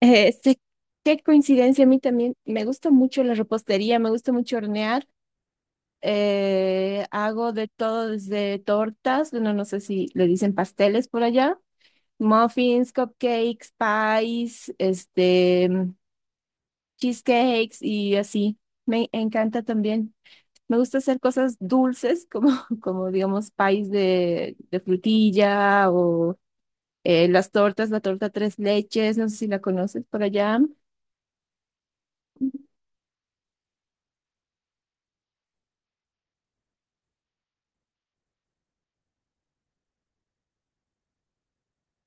Este, Qué coincidencia, a mí también me gusta mucho la repostería, me gusta mucho hornear. Hago de todo, desde tortas, bueno, no sé si le dicen pasteles por allá, muffins, cupcakes, pies, cheesecakes y así. Me encanta también. Me gusta hacer cosas dulces, como, como digamos, pies de frutilla o las tortas, la torta tres leches, no sé si la conoces por allá.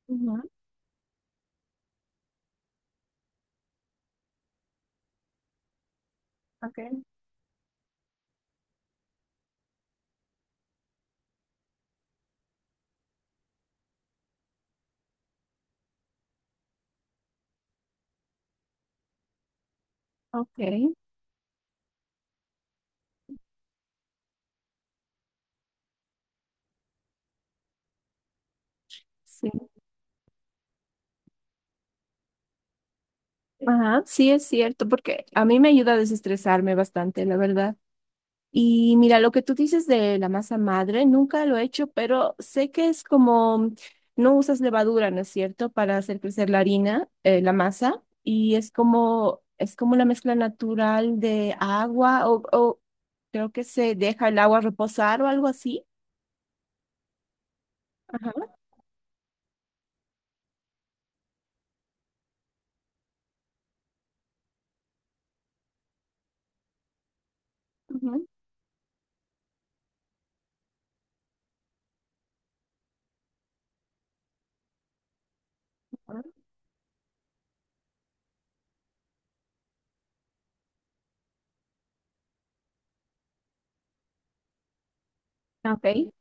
Ujú, ok. Ok, sí. Ajá, sí es cierto, porque a mí me ayuda a desestresarme bastante, la verdad. Y mira, lo que tú dices de la masa madre, nunca lo he hecho, pero sé que es como, no usas levadura, ¿no es cierto?, para hacer crecer la harina, la masa, y es como una mezcla natural de agua, o creo que se deja el agua reposar o algo así. Ajá. Ujú. Ok.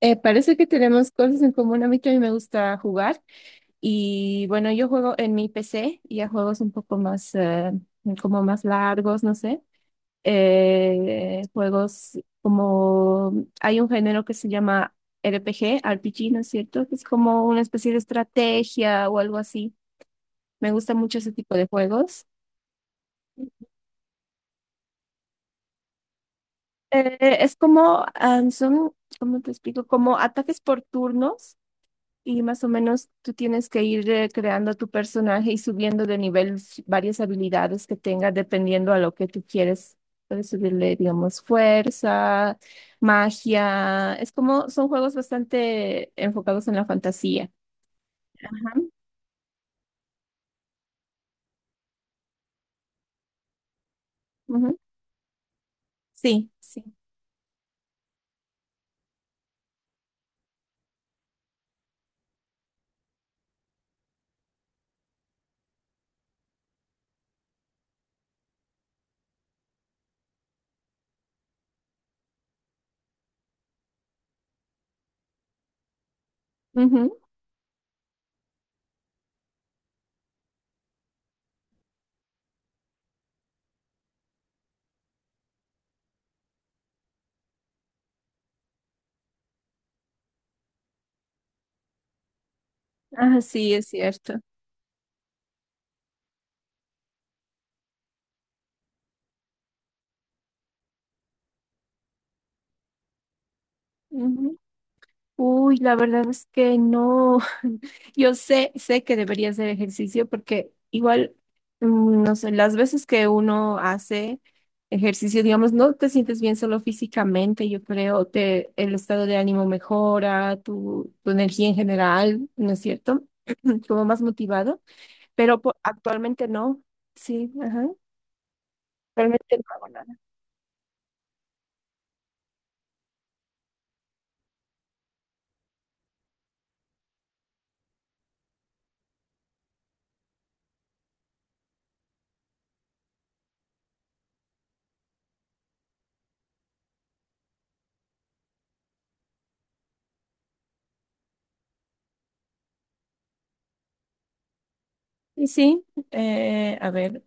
Parece que tenemos cosas en común. A mí también me gusta jugar. Y bueno, yo juego en mi PC y a juegos un poco más, como más largos, no sé. Juegos como, hay un género que se llama RPG, RPG, ¿no es cierto? Que es como una especie de estrategia o algo así. Me gusta mucho ese tipo de juegos. Es como, ah, son, ¿cómo te explico? Como ataques por turnos. Y más o menos tú tienes que ir creando tu personaje y subiendo de nivel varias habilidades que tengas dependiendo a lo que tú quieres. Puedes subirle, digamos, fuerza, magia. Es como, son juegos bastante enfocados en la fantasía. Ajá. Ujú. Sí, sí. Ujú. Ah, sí, es cierto. Uy, la verdad es que no. Yo sé, sé que debería hacer ejercicio porque igual, no sé, las veces que uno hace ejercicio, digamos, no te sientes bien solo físicamente, yo creo, te, el estado de ánimo mejora, tu energía en general, ¿no es cierto? Como más motivado, pero actualmente no. Sí, ajá. Actualmente no hago nada. Y sí, a ver.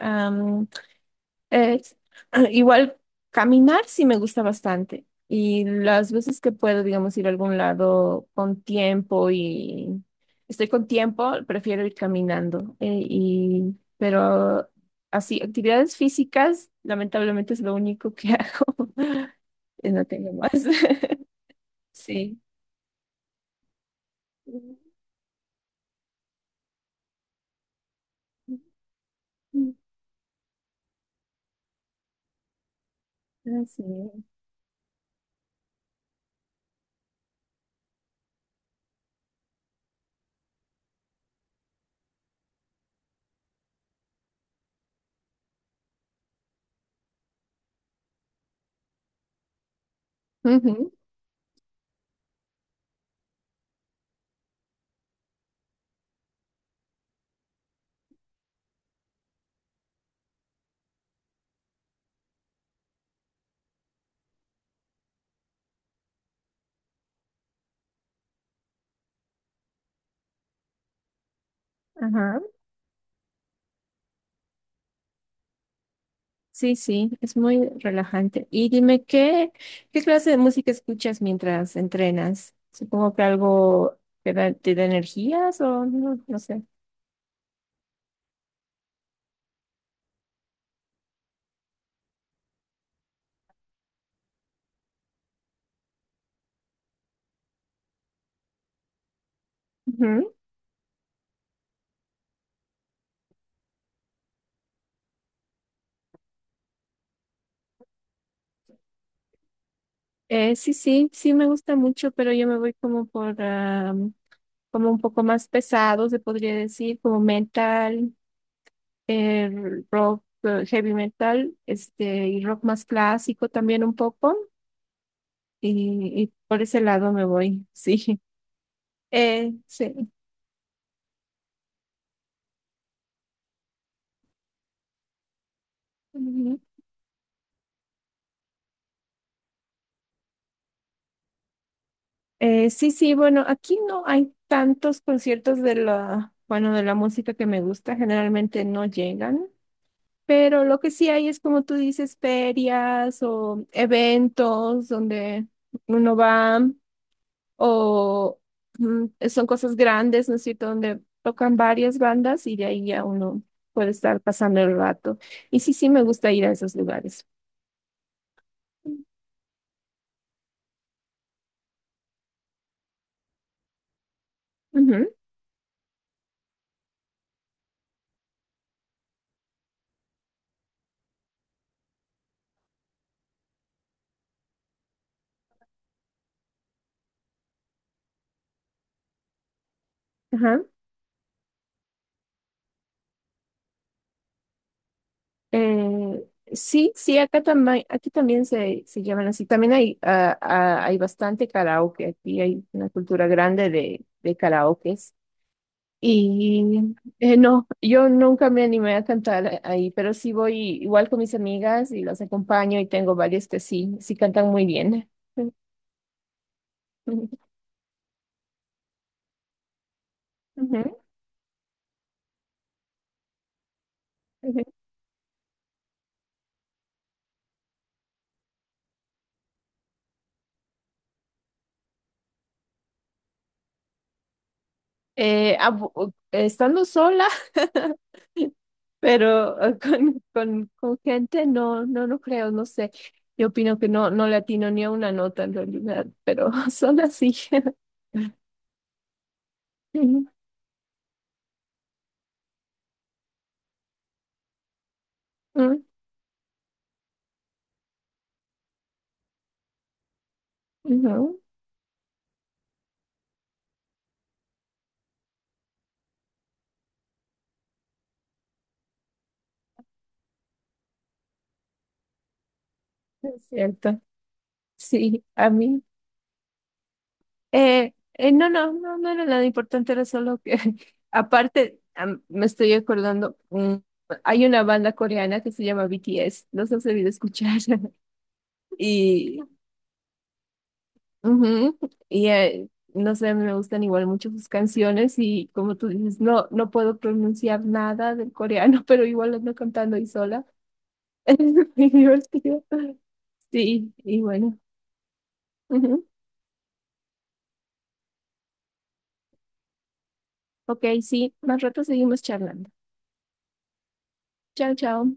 Es, igual caminar sí me gusta bastante y las veces que puedo, digamos, ir a algún lado con tiempo y estoy con tiempo, prefiero ir caminando. Pero así, actividades físicas, lamentablemente es lo único que hago. No tengo más. Sí. Así. Ujú, ajá. Sí, sí, es muy relajante. Y dime, ¿qué, qué clase de música escuchas mientras entrenas? Supongo que algo que te da energías o no, no sé. Ujú. Sí, sí, sí me gusta mucho, pero yo me voy como por, ah, como un poco más pesado, se podría decir, como metal, eh, rock, heavy metal, este, y rock más clásico también un poco, y por ese lado me voy, sí. Sí. Sí, sí, bueno, aquí no hay tantos conciertos de la, bueno, de la música que me gusta, generalmente no llegan, pero lo que sí hay es como tú dices, ferias o eventos donde uno va o son cosas grandes, ¿no es cierto?, donde tocan varias bandas y de ahí ya uno puede estar pasando el rato. Y sí, sí, me gusta ir a esos lugares. Ujú, ajá. Eh, sí, sí, acá también, aquí también se llaman así. También hay, ah, ah, hay bastante karaoke. Aquí hay una cultura grande de karaokes. Y no, yo nunca me animé a cantar ahí, pero sí voy igual con mis amigas y las acompaño y tengo varias que sí, sí cantan muy bien. Ujú, ujú. Estando sola. Pero con gente no, no, no creo, no sé. Yo opino que no, no le atino ni a una nota en realidad, pero son así. Mm, mm, no, es cierto. Sí, a mí. No, no, no, no era nada importante, era solo que, aparte, me estoy acordando, hay una banda coreana que se llama BTS, los has debido escuchar. Y ujú. Y no sé, me gustan igual mucho sus canciones y como tú dices, no, no puedo pronunciar nada del coreano, pero igual ando cantando ahí sola. Es muy divertido. Sí, y bueno. Ujú. Ok, sí, más rato seguimos charlando. Chao, chao.